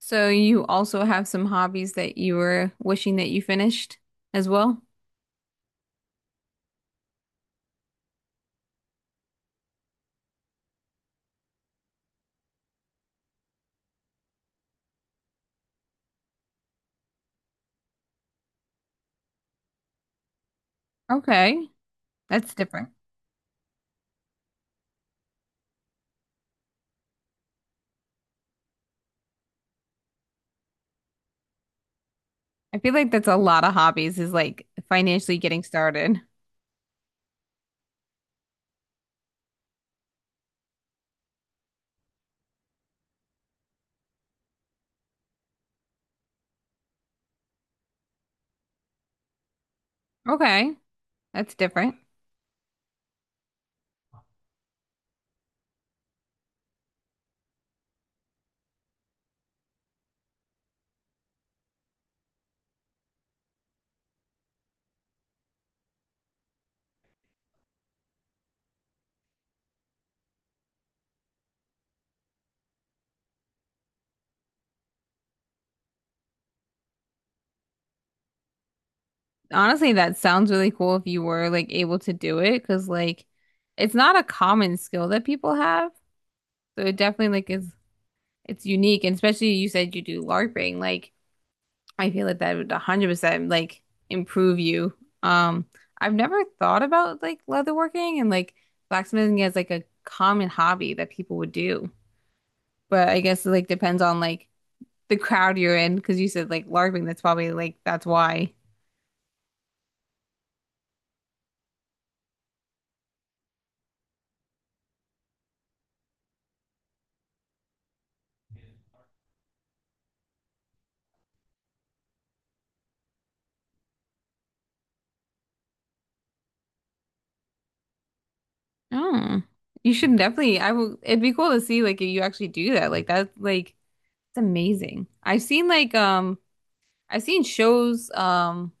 So you also have some hobbies that you were wishing that you finished as well? Okay, that's different. I feel like that's a lot of hobbies, is like financially getting started. Okay, that's different. Honestly, that sounds really cool if you were like able to do it, because like it's not a common skill that people have. So it definitely like is it's unique, and especially you said you do LARPing. Like I feel like that would 100% like improve you. Um, I've never thought about like leatherworking and like blacksmithing as like a common hobby that people would do. But I guess it like depends on like the crowd you're in, because you said like LARPing, that's probably like that's why. Oh, you should definitely. I will. It'd be cool to see like if you actually do that. Like that's like it's amazing. I've seen shows,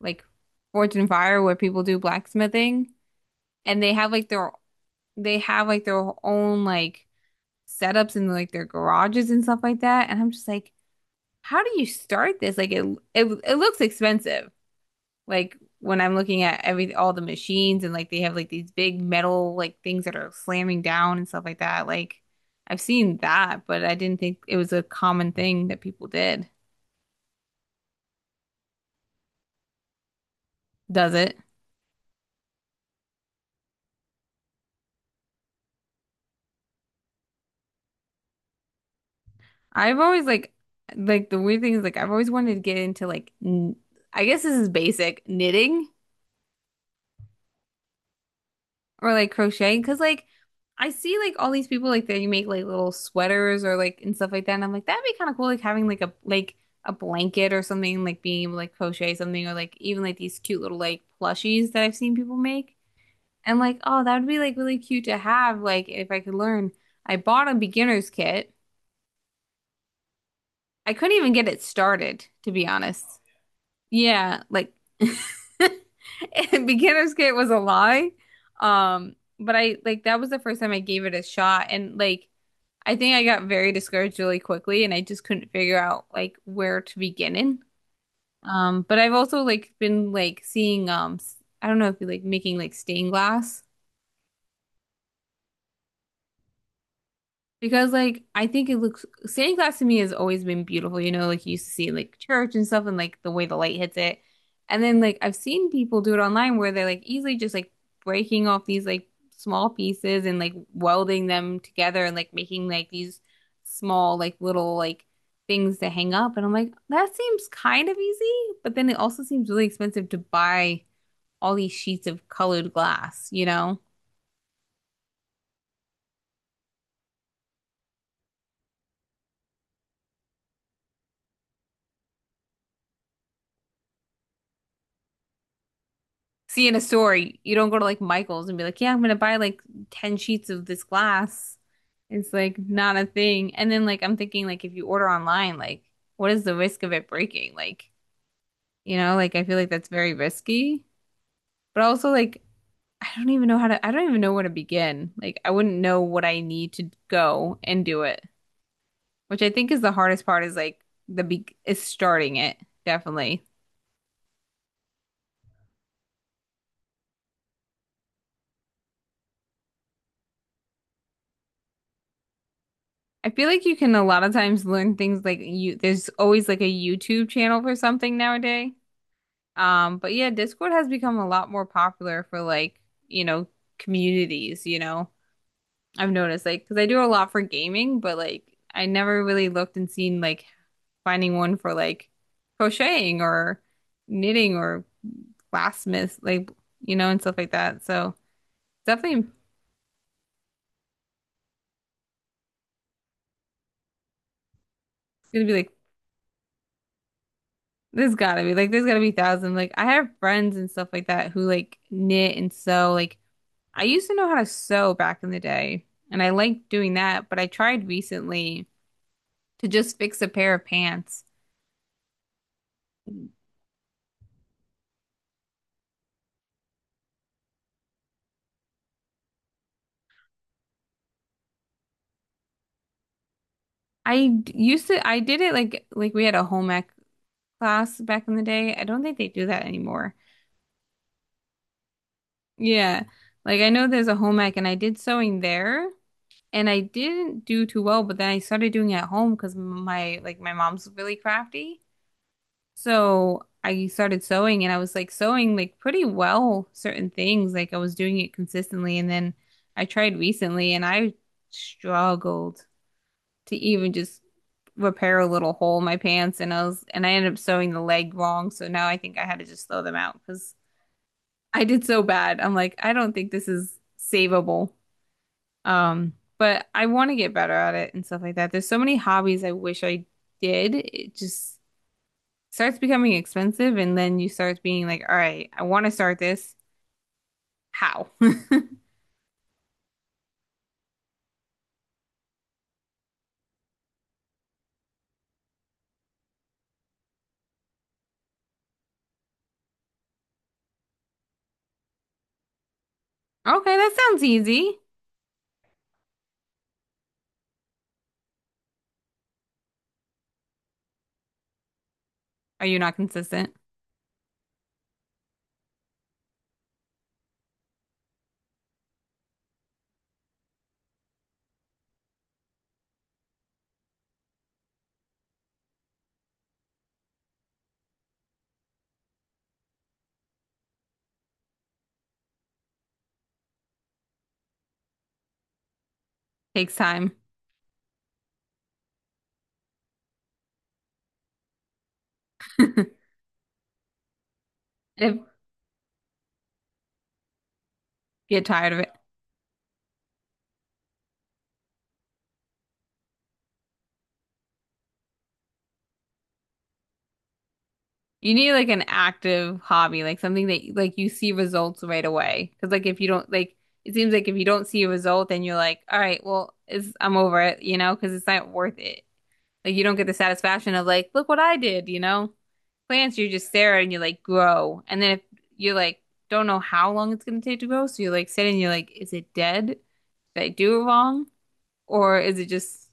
like Forge and Fire, where people do blacksmithing, and they have like their own like setups in like their garages and stuff like that. And I'm just like, how do you start this? Like it looks expensive. Like when I'm looking at every all the machines and like they have like these big metal like things that are slamming down and stuff like that. Like I've seen that, but I didn't think it was a common thing that people did. Does it? I've always like the weird thing is like I've always wanted to get into, like, I guess this is basic knitting, or like crochet, because like I see like all these people like that you make like little sweaters or like and stuff like that, and I'm like that'd be kind of cool, like having like a blanket or something, like being able to like crochet something, or like even like these cute little like plushies that I've seen people make, and like, oh, that would be like really cute to have, like if I could learn. I bought a beginner's kit. I couldn't even get it started, to be honest. Yeah, like. Beginner's kit was a lie. But I like, that was the first time I gave it a shot, and like I think I got very discouraged really quickly, and I just couldn't figure out like where to begin in. But I've also like been like seeing, I don't know if you like making like stained glass. Because like I think, it looks stained glass to me has always been beautiful, you know, like you used to see in, like, church and stuff, and like the way the light hits it. And then like I've seen people do it online, where they're like easily just like breaking off these like small pieces and like welding them together and like making like these small like little like things to hang up. And I'm like, that seems kind of easy, but then it also seems really expensive to buy all these sheets of colored glass, you know? See, in a store, you don't go to like Michael's and be like, yeah, I'm gonna buy like 10 sheets of this glass. It's like not a thing. And then like I'm thinking, like if you order online, like what is the risk of it breaking? Like, you know, like I feel like that's very risky. But also like, I don't even know where to begin. Like I wouldn't know what I need to go and do it, which I think is the hardest part, is like the be is starting it, definitely. I feel like you can a lot of times learn things, like you there's always like a YouTube channel for something nowadays. But yeah, Discord has become a lot more popular for, like, you know, communities, you know. I've noticed, like, because I do a lot for gaming, but like I never really looked and seen like finding one for like crocheting or knitting or glassmith, like, you know, and stuff like that. So definitely, it's gonna be like there's gotta be thousands. Like I have friends and stuff like that who like knit and sew. Like I used to know how to sew back in the day, and I liked doing that, but I tried recently to just fix a pair of pants. Used to, I did it, like we had a home ec class back in the day. I don't think they do that anymore. Yeah. Like I know there's a home ec, and I did sewing there, and I didn't do too well, but then I started doing it at home, because my mom's really crafty. So I started sewing, and I was like sewing like pretty well certain things. Like I was doing it consistently, and then I tried recently and I struggled to even just repair a little hole in my pants, and I ended up sewing the leg wrong. So now I think I had to just throw them out, because I did so bad. I'm like, I don't think this is savable. But I want to get better at it and stuff like that. There's so many hobbies I wish I did. It just starts becoming expensive, and then you start being like, all right, I want to start this. How? Okay, that sounds easy. Are you not consistent? Takes time. If Get tired of it. You need like an active hobby, like something that like you see results right away. Because like, if you don't, like, it seems like if you don't see a result, then you're like, all right, well, I'm over it, you know, because it's not worth it. Like you don't get the satisfaction of, like, look what I did, you know? Plants, you just stare there and you like grow. And then if you're like, don't know how long it's gonna take to grow, so you're like sitting, and you're like, is it dead? Did I do it wrong? Or is it just.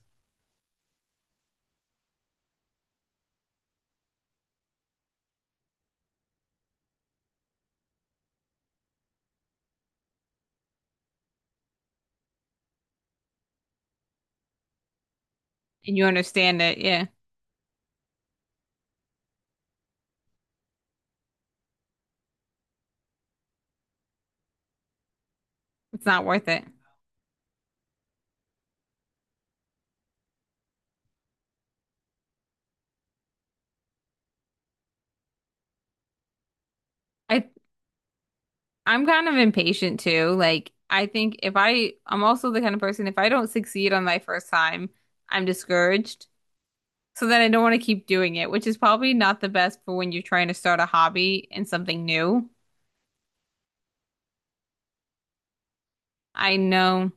And you understand it, yeah, it's not worth it. I I'm kind of impatient too. Like I think, if I I'm also the kind of person, if I don't succeed on my first time, I'm discouraged. So then I don't want to keep doing it, which is probably not the best for when you're trying to start a hobby and something new. I know.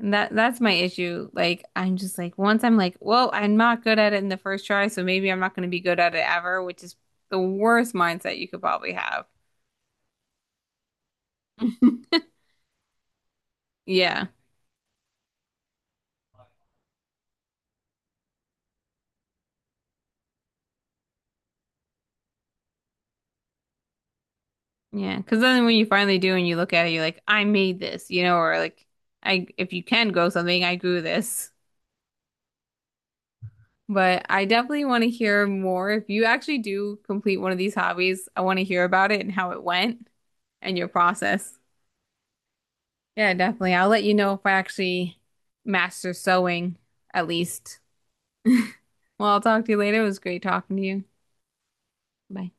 And that's my issue. Like I'm just like, once I'm like, well, I'm not good at it in the first try, so maybe I'm not going to be good at it ever, which is the worst mindset you could probably have. Yeah. Yeah. Because then when you finally do and you look at it, you're like, I made this, you know, or like, I if you can grow something, I grew this. But I definitely want to hear more. If you actually do complete one of these hobbies, I want to hear about it and how it went and your process. Yeah, definitely. I'll let you know if I actually master sewing, at least. Well, I'll talk to you later. It was great talking to you. Bye.